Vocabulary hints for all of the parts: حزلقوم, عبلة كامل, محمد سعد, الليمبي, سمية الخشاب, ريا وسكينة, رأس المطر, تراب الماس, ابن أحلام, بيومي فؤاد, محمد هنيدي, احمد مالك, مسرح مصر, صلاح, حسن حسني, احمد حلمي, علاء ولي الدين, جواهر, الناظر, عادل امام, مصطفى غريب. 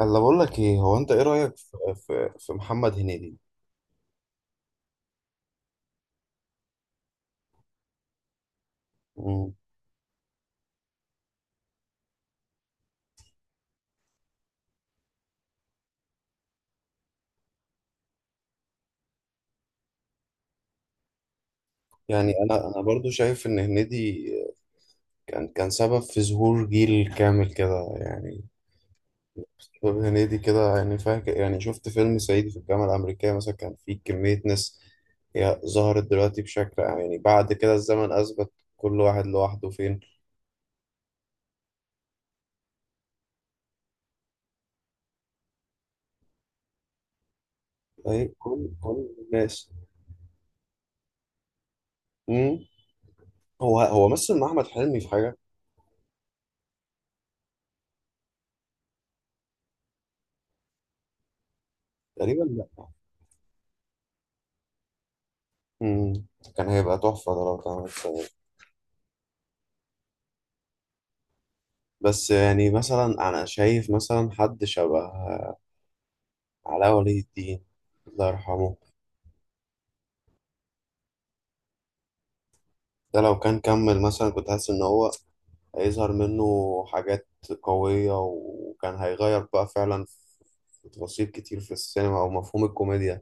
انا بقول لك ايه، هو انت ايه رايك في محمد هنيدي؟ مم. يعني انا برضو شايف ان هنيدي كان سبب في ظهور جيل كامل كده يعني. سبب هنيدي كده يعني، فاكر يعني شفت فيلم صعيدي في الجامعه الامريكيه مثلا، كان فيه كميه ناس هي ظهرت دلوقتي بشكل عام. يعني بعد كده الزمن اثبت كل واحد لوحده فين. اي كل الناس. مم. هو مثل مع احمد حلمي في حاجه تقريبا، لا. مم. كان هيبقى تحفه ده لو كان عمل. بس يعني مثلا أنا شايف مثلا حد شبه علاء ولي الدين، الله يرحمه. ده لو كان كمل مثلا، كنت حاسس إن هو هيظهر منه حاجات قوية، وكان هيغير بقى فعلا في تفاصيل كتير في السينما أو مفهوم الكوميديا.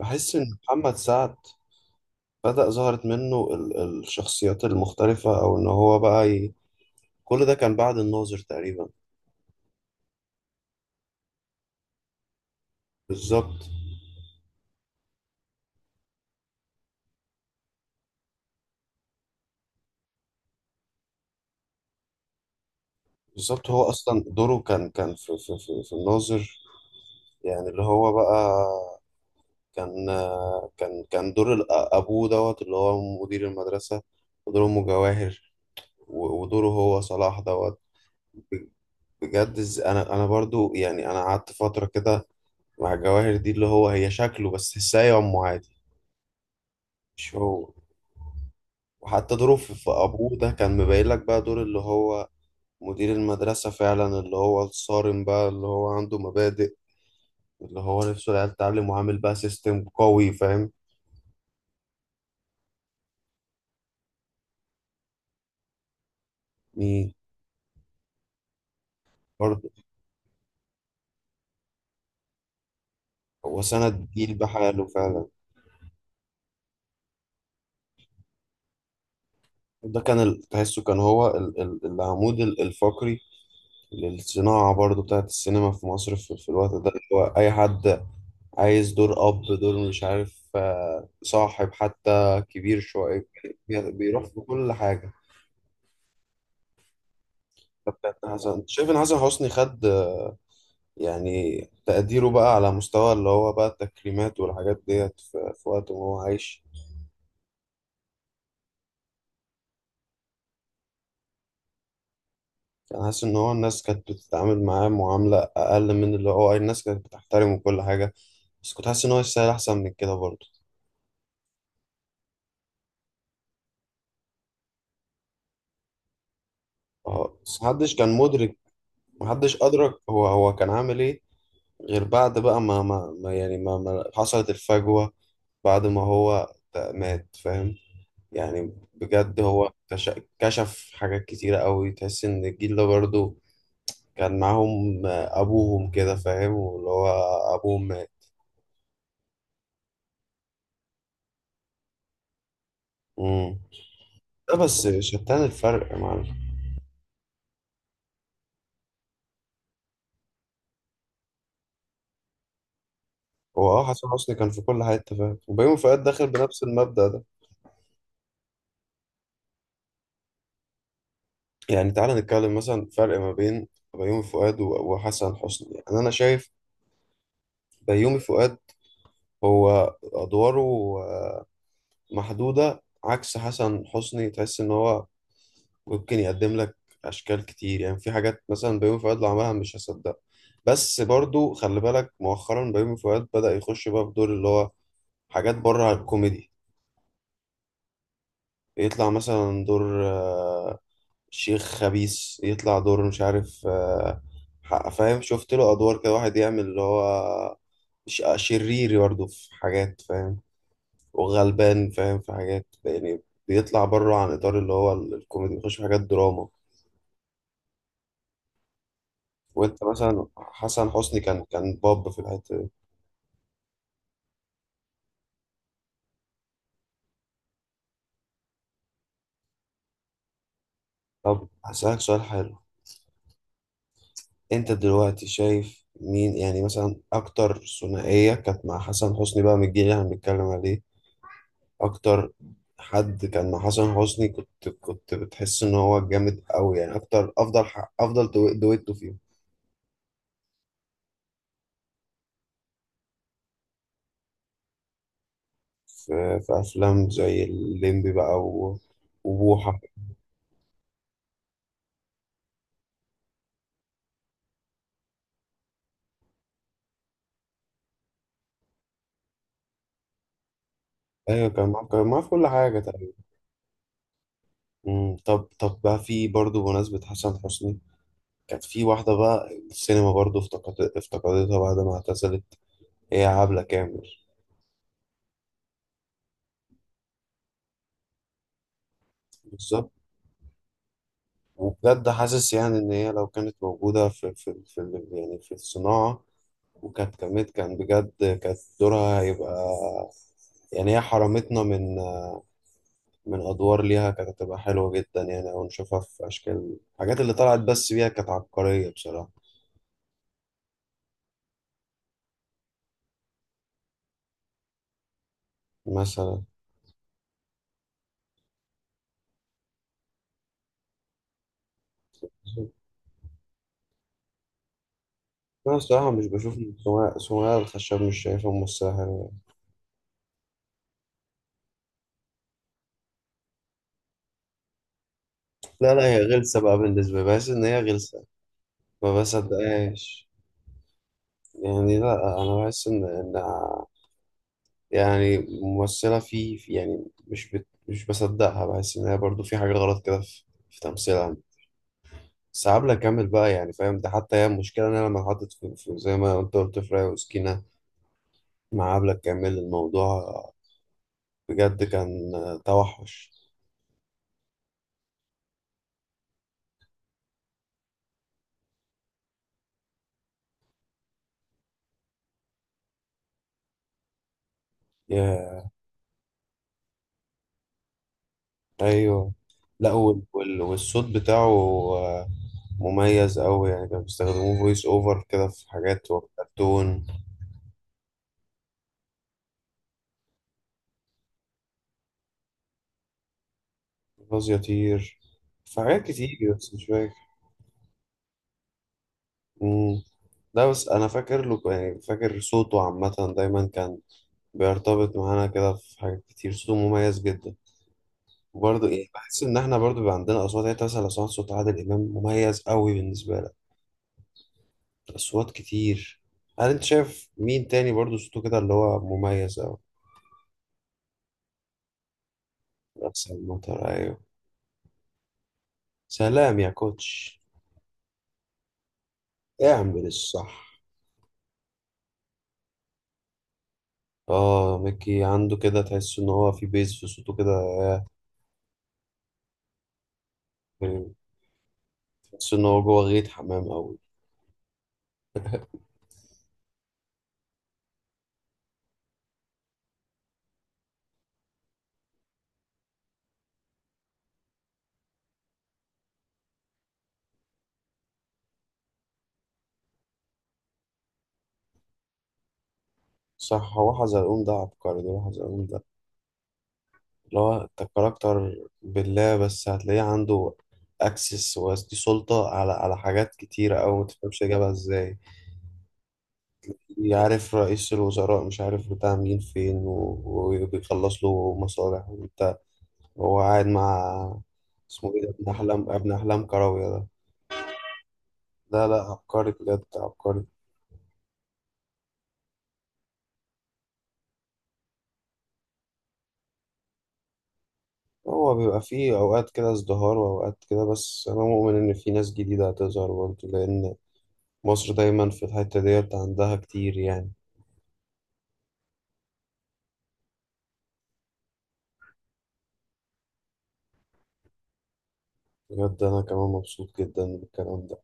بحس إن محمد سعد بدأ ظهرت منه الشخصيات المختلفة أو إن هو بقى كل ده كان بعد الناظر تقريبا. بالظبط. بالظبط، هو أصلا دوره كان في الناظر، يعني اللي هو بقى كان كان دور أبوه دوت، اللي هو مدير المدرسة، ودور أمه جواهر، و- ودوره هو صلاح دوت. ب- بجد أنا برضو يعني، أنا قعدت فترة كده مع جواهر دي، اللي هو هي شكله بس تحسها أمه عادي. مش هو. وحتى دوره في أبوه ده كان مبين لك بقى دور اللي هو مدير المدرسة فعلا، اللي هو الصارم بقى، اللي هو عنده مبادئ، اللي هو نفسه العيال تتعلم، وعامل بقى سيستم قوي، فاهم؟ مين؟ برضه هو سند جيل بحاله فعلا. ده كان تحسه كان هو العمود الفقري للصناعة برضو بتاعت السينما في مصر، في الوقت ده، اللي هو أي حد عايز دور أب، دور مش عارف، آه، صاحب، حتى كبير شوية، بيروح في كل حاجة. طب كان حسن، أنت شايف إن حسن حسني خد يعني تقديره بقى على مستوى اللي هو بقى التكريمات والحاجات ديت في وقت ما هو عايش؟ كان حاسس إن هو الناس كانت بتتعامل معاه معاملة أقل من اللي هو، الناس كانت بتحترمه وكل حاجة، بس كنت حاسس ان هو يستاهل احسن من كده برضه. اه بس محدش كان مدرك. محدش ادرك هو كان عامل ايه، غير بعد بقى يعني ما حصلت الفجوة بعد ما هو مات، فاهم؟ يعني بجد هو كشف حاجات كتيرة قوي، تحس ان الجيل ده برضه كان معاهم ابوهم كده، فاهم، واللي هو ابوهم مات. مم. ده بس شتان الفرق يا معلم. هو اه، حسن حسني كان في كل حتة، فاهم، وبيومي فؤاد داخل بنفس المبدأ ده. يعني تعالى نتكلم مثلا فرق ما بين بيومي فؤاد و- وحسن حسني. يعني انا شايف بيومي فؤاد هو ادواره آه، محدودة، عكس حسن حسني تحس ان هو ممكن يقدم لك اشكال كتير. يعني في حاجات مثلا بيومي فؤاد لو عملها مش هصدقها. بس برضو خلي بالك مؤخرا بيومي فؤاد بدأ يخش بقى في دور اللي هو حاجات بره الكوميدي. يطلع مثلا دور شيخ خبيث، يطلع دور مش عارف، آه، فاهم، شفت له ادوار كده واحد يعمل اللي هو شرير برضه في حاجات، فاهم، وغلبان، فاهم، في حاجات يعني. بيطلع بره عن اطار اللي هو الكوميدي، بيخش في حاجات دراما. وانت مثلا حسن حسني كان باب في الحته دي. طب هسألك سؤال حلو. انت دلوقتي شايف مين، يعني مثلا اكتر ثنائيه كانت مع حسن حسني بقى من الجيل اللي احنا بنتكلم عليه؟ اكتر حد كان مع حسن حسني كنت بتحس ان هو جامد قوي، يعني اكتر، افضل افضل دويتو فيهم. في افلام زي الليمبي بقى وبوحة. ايوه كان معاه، في كل حاجة تقريبا. مم، طب بقى في برضه بمناسبة حسن حسني، كانت في واحدة بقى السينما برضه افتقدت افتقدتها بعد ما اعتزلت، هي عبلة كامل. بالظبط. وبجد حاسس يعني إن هي لو كانت موجودة في يعني في الصناعة وكانت كمية، كان بجد كانت دورها هيبقى، يعني هي حرمتنا من من أدوار ليها كانت هتبقى حلوة جدا، يعني أو نشوفها في أشكال الحاجات اللي طلعت بس بيها، كانت عبقرية بصراحة. مثلا أنا الصراحة مش بشوف سمية، الخشاب مش شايفها ممثلة حلوة. لا لا، هي غلسة بقى بالنسبة لي، بحس إن هي غلسة، ما بصدقهاش. يعني لا، أنا بحس إن يعني ممثلة يعني مش بصدقها، بحس إن هي برضو في حاجة غلط كده في في تمثيلها. بس عبلة كامل بقى يعني، فاهم، ده حتى هي المشكلة، إن أنا لما اتحطت زي ما أنت قلت في ريا وسكينة مع عبلة كامل، الموضوع بجد كان توحش. يا، أيوه، لا. وال- وال- والصوت بتاعه آه، مميز أوي، يعني كانوا بيستخدموه فويس أوفر كده في حاجات وكرتون. غاز يطير، في حاجات كتير بس مش فاكر. مم. لا بس أنا فاكر له، يعني فاكر صوته عامة، دايما كان بيرتبط معانا كده في حاجات كتير، صوته مميز جدا. وبرضه ايه، بحس ان احنا برضه بيبقى عندنا اصوات. يعني إنت مثلا لو سمعت صوت عادل امام مميز قوي بالنسبه لك؟ اصوات كتير. هل انت شايف مين تاني برضه صوته كده اللي هو مميز قوي؟ رأس المطر، ايوه. سلام يا كوتش. اعمل الصح. اه ميكي، عنده كده تحس ان هو في بيز في صوته كده. تحس ان هو جوه غيط حمام قوي. صح، هو حزلقوم ده عبقري، ده حزلقوم ده، اللي هو انت كاركتر بالله، بس هتلاقيه عنده اكسس ودي سلطة على على حاجات كتيرة أوي، متفهمش جابها ازاي. يعرف رئيس الوزراء، مش عارف بتاع مين فين، و- وبيخلص له مصالح، وانت هو قاعد مع اسمه ايه ده، ابن أحلام، ابن أحلام كراوية ده. لا لا، عبقري بجد، عبقري. هو بيبقى فيه أوقات كده ازدهار وأوقات كده، بس أنا مؤمن إن في ناس جديدة هتظهر برضه، لأن مصر دايما في الحتة ديت عندها كتير يعني. بجد أنا كمان مبسوط جدا بالكلام ده.